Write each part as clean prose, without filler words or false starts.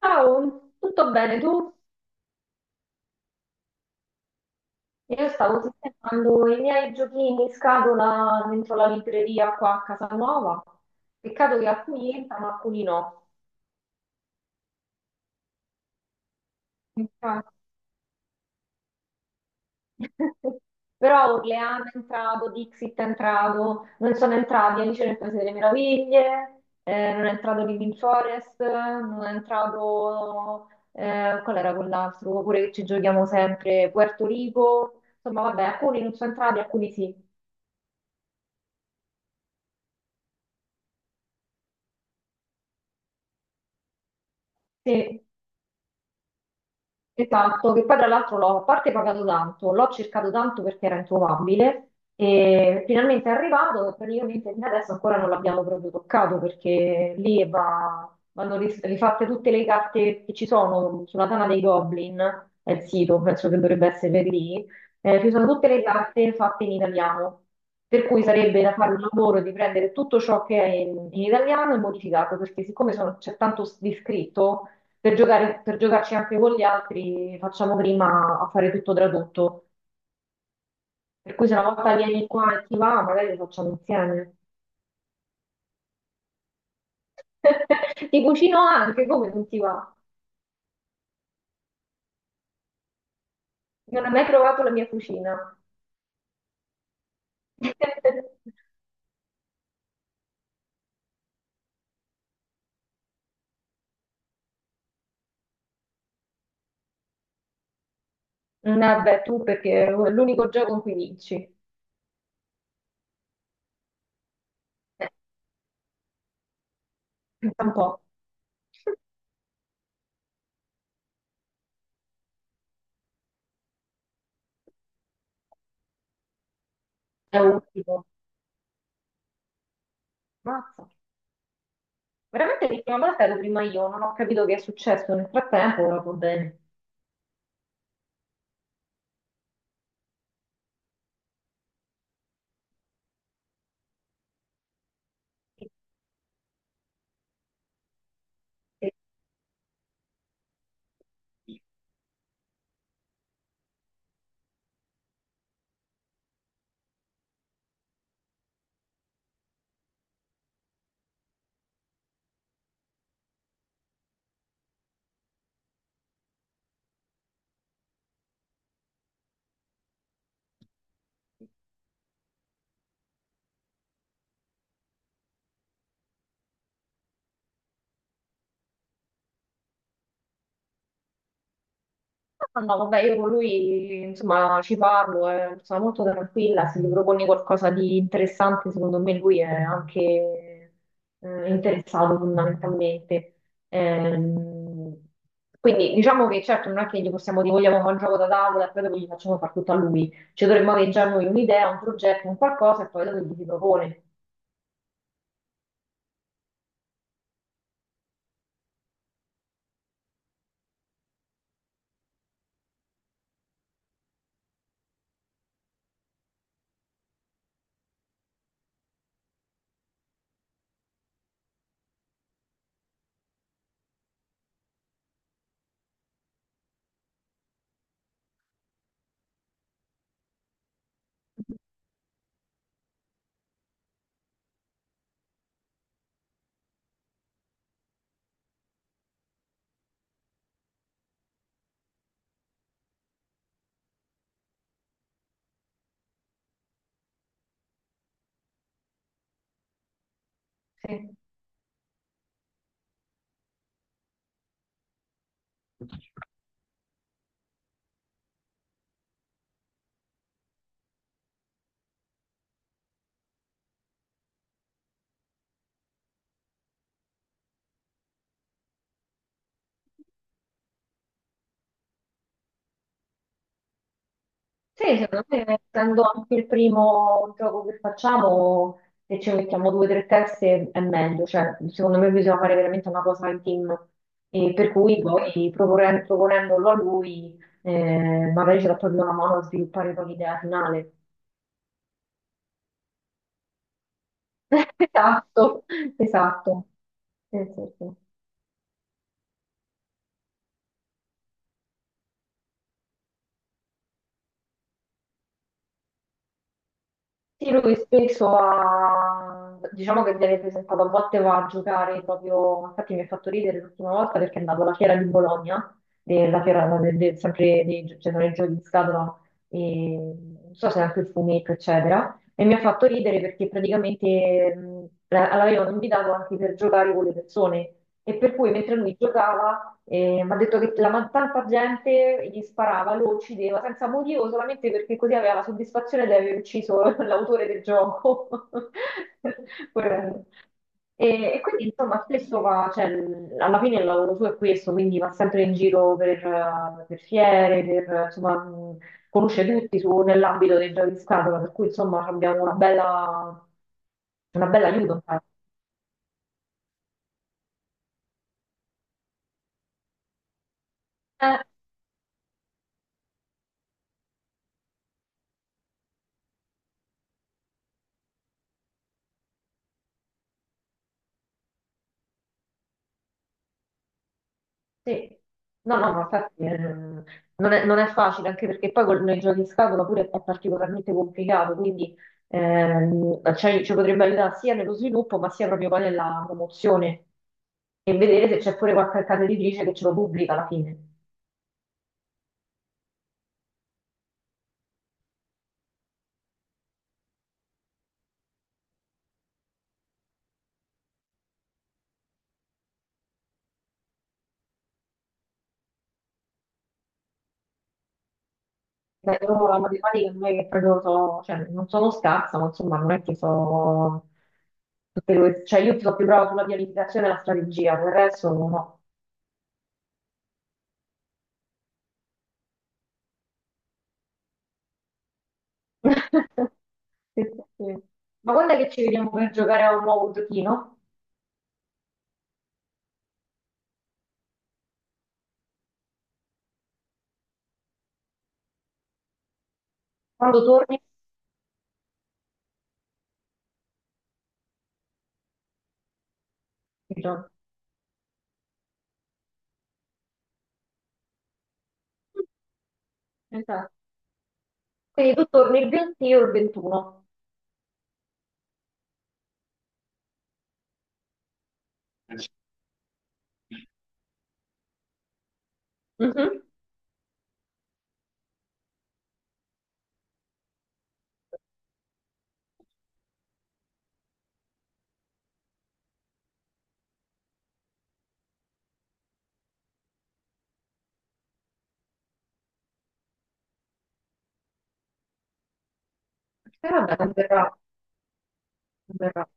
Ciao, tutto bene tu? Io stavo sistemando i miei giochini in scatola dentro la libreria qua a casa nuova. Peccato che alcuni entrano, alcuni no. Infatti. Però Orleano è entrato, Dixit è entrato, non sono entrati Alice nel Paese delle Meraviglie, non è entrato Living Forest, non è entrato... qual era quell'altro? Oppure che ci giochiamo sempre, Puerto Rico. Insomma, vabbè, alcuni non sono entrati, alcuni sì. Sì. Esatto, che poi tra l'altro l'ho a parte pagato tanto, l'ho cercato tanto perché era introvabile e finalmente è arrivato e praticamente fino adesso ancora non l'abbiamo proprio toccato perché lì vanno rifatte tutte le carte che ci sono sulla Tana dei Goblin, è il sito, penso che dovrebbe essere lì. Ci sono tutte le carte fatte in italiano, per cui sarebbe da fare un lavoro di prendere tutto ciò che è in italiano e modificarlo, perché siccome c'è tanto di scritto per giocarci anche con gli altri, facciamo prima a fare tutto tradotto. Per cui se una volta vieni qua e ti va, magari lo facciamo insieme. Ti cucino anche, come non ti va? Non hai mai provato la mia cucina. Vabbè, tu perché è l'unico gioco in cui vinci. Pensa un po'. È ultimo. Mazza. Veramente l'ultima volta ero prima io, non ho capito che è successo. Nel frattempo, ora va bene. Ah, no, vabbè, io con lui, insomma, ci parlo, sono molto tranquilla, se gli proponi qualcosa di interessante, secondo me lui è anche interessato fondamentalmente. Ehm, quindi diciamo che certo non è che gli possiamo dire vogliamo fare un gioco da tavola e poi dopo gli facciamo fare tutto a lui, ci dovremmo avere già noi un'idea, un progetto, un qualcosa, e poi dopo gli si propone. Sì. Sì, secondo me, essendo anche il primo gioco che facciamo, se ci mettiamo due o tre teste è meglio, cioè, secondo me bisogna fare veramente una cosa in team. E per cui poi proponendolo a lui, magari ce la toglie una mano a sviluppare poi l'idea finale. Esatto, esatto. Sì, sì, sì. Sì, lui spesso ha, diciamo che viene presentato, a volte va a giocare proprio. Infatti mi ha fatto ridere l'ultima volta perché è andato alla fiera di Bologna, della fiera no, sempre dei, cioè, sono i giochi di scatola, e non so se anche il fumetto, eccetera, e mi ha fatto ridere perché praticamente l'avevano invitato anche per giocare con le persone, e per cui mentre lui giocava, mi ha detto che tanta gente gli sparava, lo uccideva senza motivo, solamente perché così aveva la soddisfazione di aver ucciso l'autore del gioco. Poverello. E quindi insomma spesso va, cioè, alla fine il lavoro suo è questo, quindi va sempre in giro per fiere, per, insomma, conosce tutti nell'ambito dei giochi di scatola, per cui insomma abbiamo una bella aiuto. Eh, sì. No, no, ma infatti non è facile, anche perché poi con i giochi in scatola pure è particolarmente complicato, quindi cioè, ci potrebbe aiutare sia nello sviluppo, ma sia proprio poi nella promozione, e vedere se c'è pure qualche casa editrice che ce lo pubblica alla fine. Beh, io la matematica non è che proprio so, cioè, non sono scarsa, ma insomma non è che so... Cioè io sono più brava sulla pianificazione e la strategia, per il resto no. Sì, sì, sì. Ma quando è che ci vediamo per giocare a un nuovo giochino? Quando torni? Il gioco. Esatto. Quindi tu torni il 20 e io il 21. Mhm. E vabbè, non verrà, non verrà.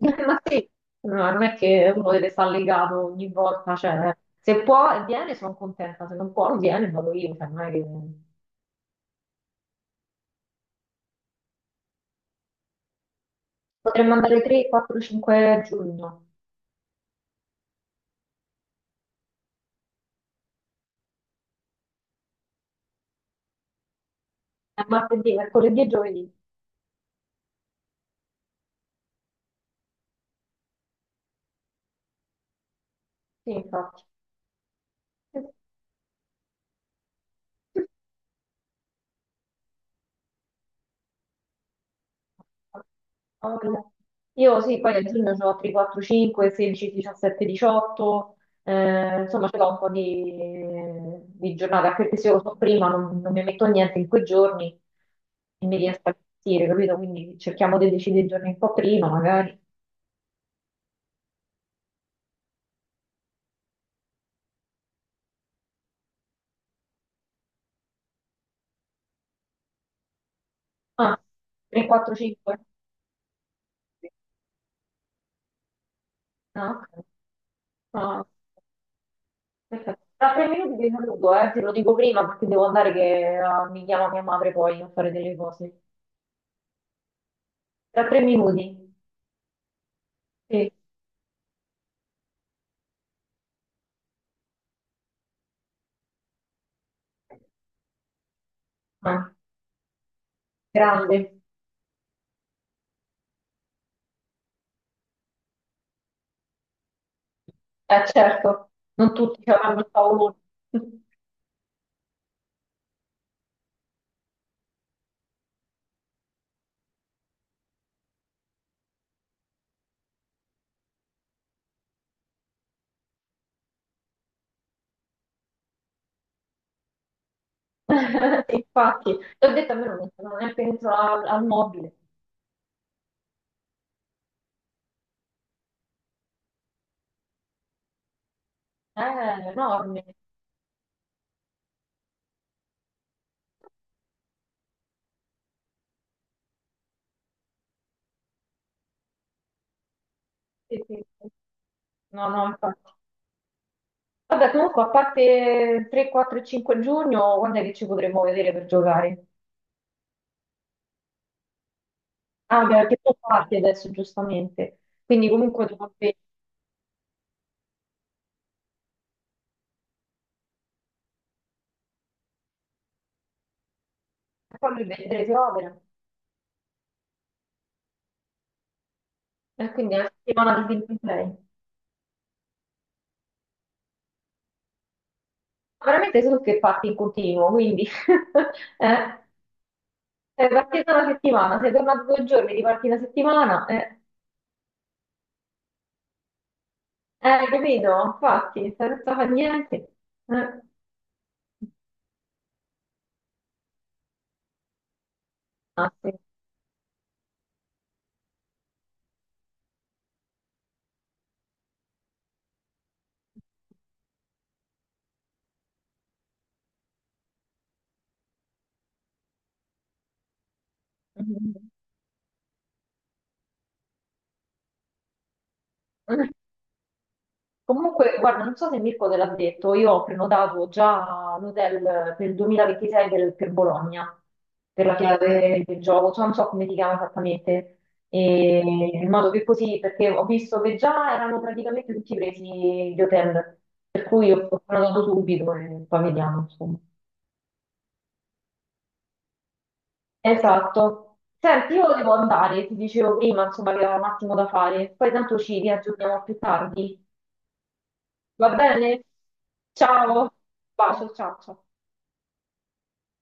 Ma sì, no, non è che uno deve stare legato ogni volta, cioè, se può viene, sono contenta, se non può non viene, vado io, cioè, non è che... Potremmo andare 3, 4, 5 giugno, a martedì, mercoledì e giovedì, sì, infatti. Allora, io sì, poi a giugno ho altri 4, 5, 16, 17, 18, insomma ce l'ho un po' di giornate, anche perché se io lo so prima non mi metto niente in quei giorni e mi riesco a gestire, capito? Quindi cerchiamo di decidere i giorni un po' prima, magari. Ah, 3, 4, 5. Ah, ok. Ah, perfetto. Tra 3 minuti ti saluto, te lo dico prima perché devo andare che mi chiama mia madre poi a fare delle cose. Tra 3 minuti. Sì. Ah, grande, certo, non tutti ci avranno il paolo. Infatti, ti ho detto, a me non mi sono neanche dentro al mobile. È enorme. Sì, sì, sì. No, no, infatti. Vabbè, comunque, a parte 3, 4 e 5 giugno, quando è che ci potremo vedere per giocare? Ah, beh, perché tu parti adesso, giustamente. Quindi comunque dovrebbe farmi vedere che opera. E quindi è la settimana di gameplay. Ma veramente sono che parti in continuo, quindi... eh? Sei partita una settimana, sei tornato 2 giorni, riparti una settimana, capito? Infatti, senza fare niente. Eh. Ah, sì. Comunque, guarda, non so se Mirko te l'ha detto, io ho prenotato già un hotel per il 2026 per, Bologna, per la chiave del gioco, cioè non so come si chiama esattamente, e in modo che così, perché ho visto che già erano praticamente tutti presi gli hotel, per cui ho prenotato subito e poi vediamo, insomma. Esatto. Senti, io devo andare, ti dicevo prima, insomma, che ho un attimo da fare. Poi tanto ci riaggiorniamo più tardi. Va bene? Ciao. Bacio, ciao, ciao.